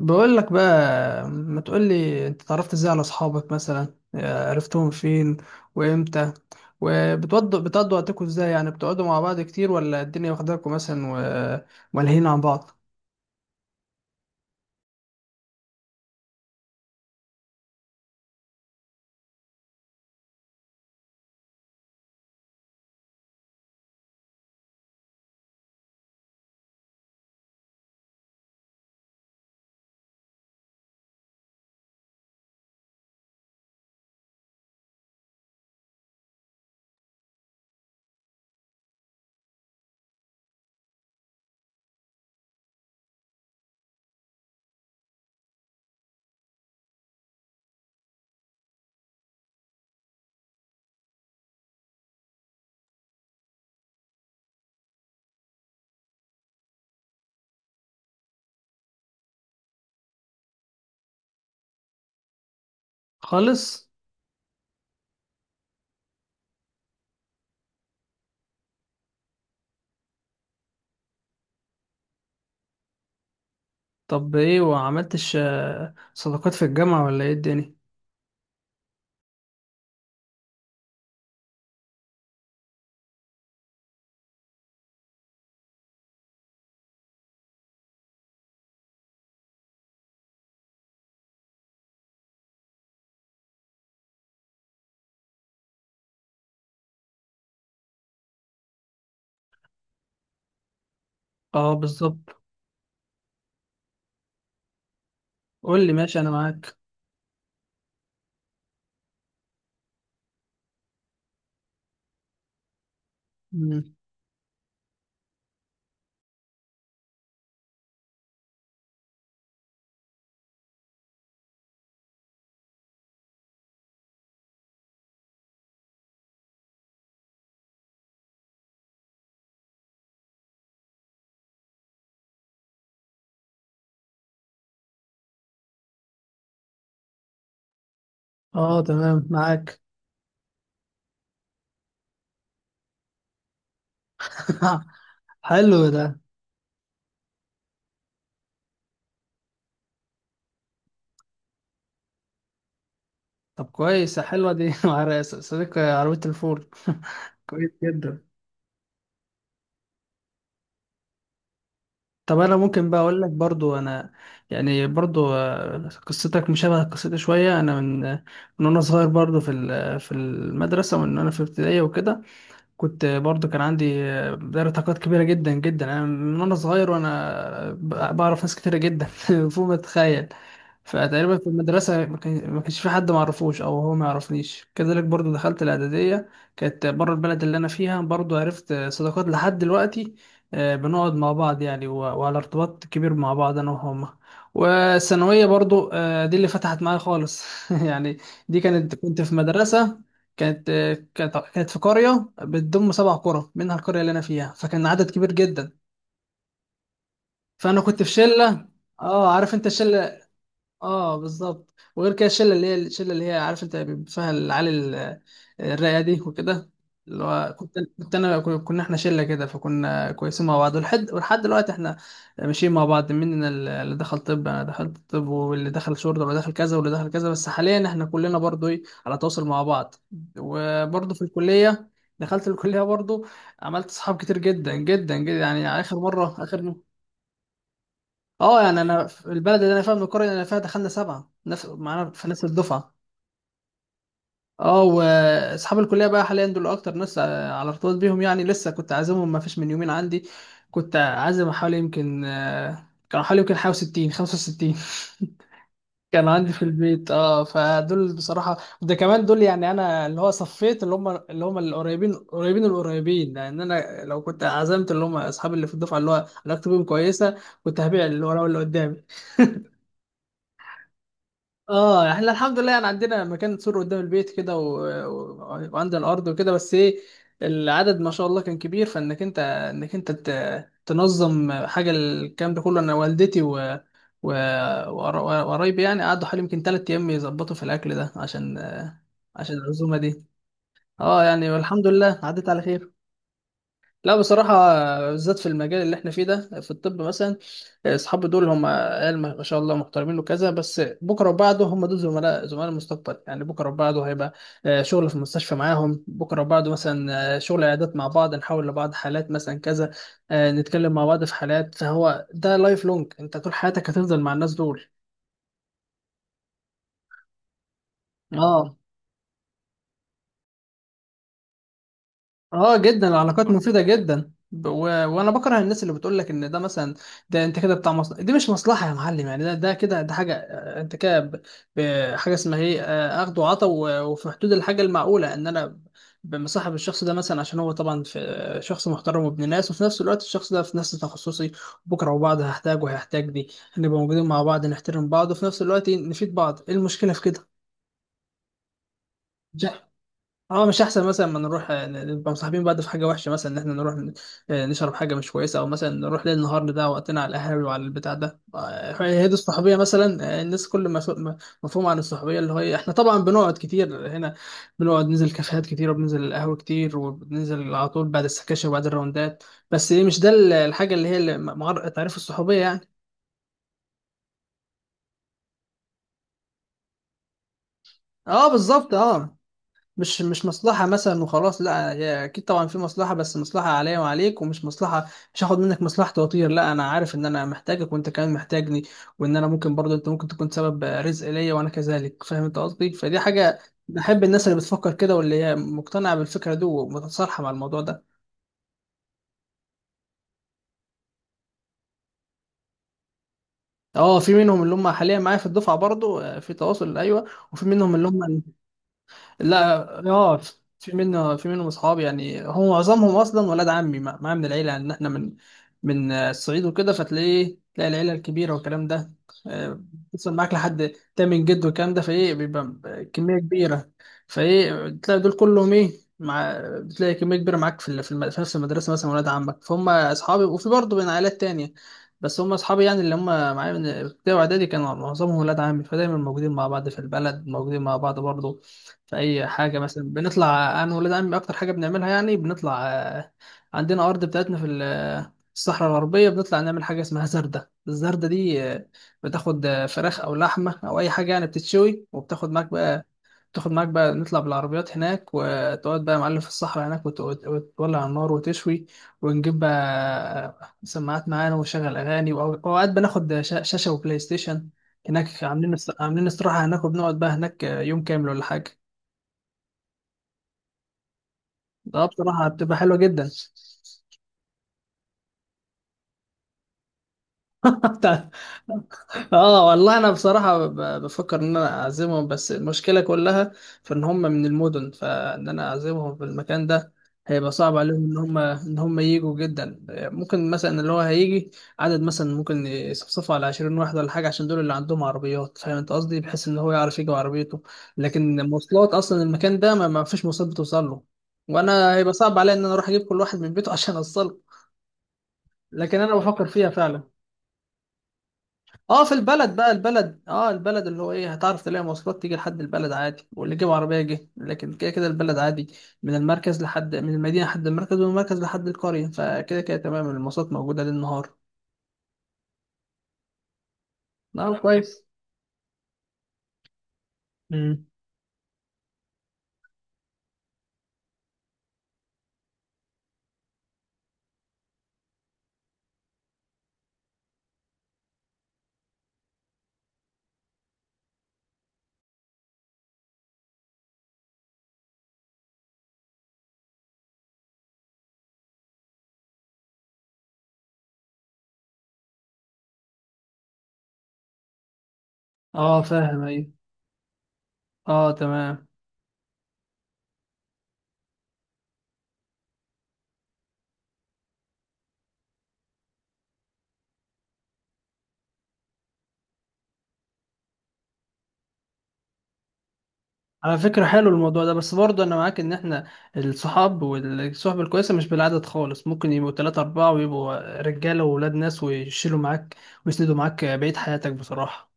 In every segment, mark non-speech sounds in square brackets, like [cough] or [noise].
بقول لك بقى، ما تقول لي انت اتعرفت ازاي على اصحابك؟ مثلا عرفتهم فين وامتى؟ وبتقضوا وقتكم ازاي؟ يعني بتقعدوا مع بعض كتير ولا الدنيا واخداكم مثلا وملهيين عن بعض؟ خالص. طب ايه وعملتش صداقات في الجامعة ولا ايه الدنيا؟ اه بالظبط. قول لي ماشي، انا معاك. مم. اه تمام معاك. [laughs] حلو ده. طب كويس، حلوة دي [laughs] مع صديق عربية الفول. [laughs] كويس جدا. طب انا ممكن بقى اقول لك برضو انا، يعني برضو، قصتك مشابهه قصتي شويه. انا من من وانا صغير، برضو في في المدرسه وان انا في ابتدائيه وكده كنت برضو كان عندي دايرة طاقات كبيرة جدا جدا. أنا من وأنا صغير وأنا بعرف ناس كتيرة جدا [laughs] فوق ما تتخيل. فتقريبا في المدرسة ما كانش في حد معرفوش أو هو ما يعرفنيش. كذلك برضو دخلت الإعدادية، كانت بره البلد اللي أنا فيها. برضو عرفت صداقات لحد دلوقتي، بنقعد مع بعض يعني وعلى ارتباط كبير مع بعض أنا وهما. والثانوية برضو دي اللي فتحت معايا خالص [laughs] يعني. دي كانت كنت في مدرسة، كانت كانت في قرية بتضم سبع قرى منها القرية اللي أنا فيها، فكان عدد كبير جدا. فأنا كنت في شلة. اه عارف أنت الشلة؟ اه بالظبط. وغير كده الشله، اللي هي الشله اللي هي، عارف انت بيبقى فيها العيال ال- الرايقه دي وكده، اللي هو كنت، كنت انا، كنا احنا شله كده. فكنا كويسين مع بعض ولحد دلوقتي احنا ماشيين مع بعض. مننا اللي دخل طب، انا دخلت طب، واللي دخل شرطه، واللي دخل كذا، واللي دخل كذا. بس حاليا احنا كلنا برضو ايه على تواصل مع بعض. وبرضو في الكليه، دخلت الكليه برضو، عملت صحاب كتير جدا جدا جدا. يعني اخر مره اه يعني انا في البلد اللي انا فيها، من القريه اللي انا فيها دخلنا سبعه نفس معانا في نفس الدفعه. اه واصحاب الكليه بقى حاليا دول اكتر ناس على ارتباط بيهم. يعني لسه كنت عازمهم ما فيش من يومين عندي، كنت عازم حوالي يمكن كانوا حوالي يمكن حوالي 60 65 [laughs] كان عندي في البيت. اه فدول بصراحه. ده كمان دول يعني انا اللي هو صفيت اللي هم اللي هم القريبين قريبين القريبين، لان انا لو كنت عزمت اللي هم اصحابي اللي في الدفعه اللي هو علاقتي بيهم كويسه، كنت هبيع اللي ورا واللي قدامي. [laughs] اه احنا الحمد لله يعني عندنا مكان سور قدام البيت كده وعند الارض وكده. بس ايه، العدد ما شاء الله كان كبير، فانك انت، انك انت ت... تنظم حاجه. الكلام ده كله انا والدتي و... وقرايبي يعني قعدوا حوالي يمكن 3 ايام يظبطوا في الاكل ده عشان، عشان العزومه دي. اه يعني والحمد لله عدت على خير. لا بصراحه، بالذات في المجال اللي احنا فيه ده، في الطب مثلا، اصحابي دول هم قال ما ما شاء الله محترمين وكذا. بس بكره وبعده هم دول زملاء، زملاء المستقبل يعني. بكره وبعده هيبقى شغل في المستشفى معاهم، بكره وبعده مثلا شغل عيادات مع بعض، نحاول لبعض حالات مثلا كذا، نتكلم مع بعض في حالات. فهو ده لايف لونج، انت طول حياتك هتفضل مع الناس دول. اه اه جدا، العلاقات مفيدة جدا. وانا بكره الناس اللي بتقول لك ان ده مثلا، ده انت كده بتاع مصلحة. دي مش مصلحة يا معلم يعني. ده ده كده ده حاجة انت كده حاجة اسمها ايه، اخد وعطا وفي حدود الحاجة المعقولة، ان انا مصاحب الشخص ده مثلا عشان هو طبعا في شخص محترم وابن ناس، وفي نفس الوقت الشخص ده في نفس تخصصي. بكره وبعض هحتاج وهيحتاج، دي هنبقى موجودين مع بعض نحترم بعض، وفي نفس الوقت نفيد بعض. ايه المشكلة في كده؟ اه مش احسن مثلا ما نروح نبقى مصاحبين بعض في حاجه وحشه، مثلا ان احنا نروح نشرب حاجه مش كويسه، او مثلا نروح ليل نهار نضيع وقتنا على القهاوي وعلى البتاع ده. هي دي الصحوبيه مثلا، الناس كل ما مفهوم عن الصحوبيه، اللي هو إيه، احنا طبعا بنقعد كتير هنا، بنقعد ننزل كافيهات كتير وبننزل القهوه كتير وبننزل على طول بعد السكاشن وبعد الراوندات. بس إيه، مش ده الحاجه اللي هي اللي تعريف الصحوبيه يعني. اه بالظبط. اه مش مصلحة مثلا وخلاص، لا هي أكيد طبعا في مصلحة، بس مصلحة عليا وعليك، ومش مصلحة، مش هاخد منك مصلحتي وأطير. لا أنا عارف إن أنا محتاجك وأنت كمان محتاجني، وإن أنا ممكن برضه، أنت ممكن تكون سبب رزق ليا وأنا كذلك، فاهم أنت قصدي؟ فدي حاجة بحب الناس اللي بتفكر كده واللي هي مقتنعة بالفكرة دي ومتصالحة مع الموضوع ده. اه في منهم اللي هم حاليا معايا في الدفعة برضه في تواصل أيوه. وفي منهم اللي هم، لا، اه في منهم اصحاب. يعني هو معظمهم اصلا ولاد عمي، مع من العيله، ان احنا من الصعيد وكده، فتلاقيه تلاقي العيله الكبيره والكلام ده. آه، بتصل معاك لحد تامن جد والكلام ده، فايه بيبقى كميه كبيره. فايه تلاقي دول كلهم ايه، مع بتلاقي كميه كبيره معاك في في نفس المدرسه مثلا ولاد عمك، فهم اصحابي. وفي برضه بين عائلات تانية، بس هم اصحابي يعني اللي هم معايا من ابتدائي واعدادي كانوا معظمهم ولاد عمي، فدايما موجودين مع بعض في البلد. موجودين مع بعض برضه في اي حاجه. مثلا بنطلع انا وولاد عمي، اكتر حاجه بنعملها يعني بنطلع عندنا ارض بتاعتنا في الصحراء الغربيه، بنطلع نعمل حاجه اسمها زردة. الزردة دي بتاخد فراخ او لحمه او اي حاجه يعني بتتشوي، وبتاخد معاك بقى، تاخد معاك بقى، نطلع بالعربيات هناك وتقعد بقى يا معلم في الصحراء هناك وتولع على النار وتشوي. ونجيب بقى سماعات معانا ونشغل اغاني، واوقات بناخد شاشه وبلاي ستيشن هناك، عاملين عاملين استراحه هناك، وبنقعد بقى هناك يوم كامل ولا حاجه. اه بصراحة بتبقى حلوة جدا. [laughs] اه والله انا بصراحة بفكر ان انا اعزمهم، بس المشكلة كلها في ان هم من المدن، فان انا اعزمهم في المكان ده هيبقى صعب عليهم ان هم ييجوا. جدا ممكن مثلا اللي هو هيجي عدد مثلا، ممكن يصفصفوا على 20 واحد ولا حاجة، عشان دول اللي عندهم عربيات. فاهم انت قصدي؟ بحيث ان هو يعرف يجي بعربيته، لكن مواصلات اصلا المكان ده ما فيش مواصلات بتوصل له. وانا هيبقى صعب عليا ان انا اروح اجيب كل واحد من بيته [laughs] عشان اوصله. لكن انا بفكر فيها فعلا. اه في البلد بقى، البلد اه، البلد اللي هو ايه هتعرف تلاقي مواصلات تيجي لحد البلد عادي، واللي جاب عربيه جه، لكن كده كده البلد عادي، من المركز لحد، من المدينه لحد المركز ومن المركز لحد القريه، فكده كده تمام المواصلات موجوده ليل نهار. اه كويس. امم. اه فاهم ايوه. اه تمام. على فكره حلو الموضوع ده، بس برضه انا معاك ان احنا الصحاب والصحبه الكويسه مش بالعدد خالص. ممكن يبقوا ثلاثة أربعة ويبقوا رجاله وولاد ناس ويشيلوا معاك ويسندوا معاك بقيه حياتك بصراحه.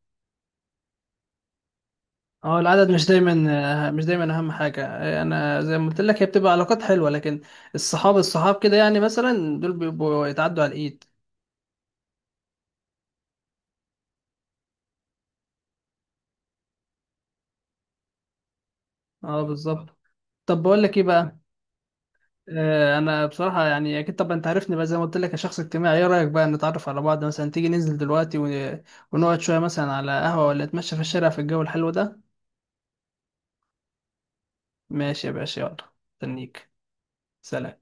اه العدد مش دايما، مش دايما اهم حاجه. انا زي ما قلت لك، هي بتبقى علاقات حلوه، لكن الصحاب، الصحاب كده يعني مثلا دول بيبقوا يتعدوا على الايد. اه بالظبط. طب بقول لك ايه بقى، انا بصراحه يعني اكيد طبعا انت عارفني بقى زي ما قلت لك أنا شخص اجتماعي. ايه رايك بقى نتعرف على بعض مثلا؟ تيجي ننزل دلوقتي ونقعد شويه مثلا على قهوه ولا نتمشى في الشارع في الجو الحلو ده؟ ماشي يا باشا، يلا. استنيك. سلام.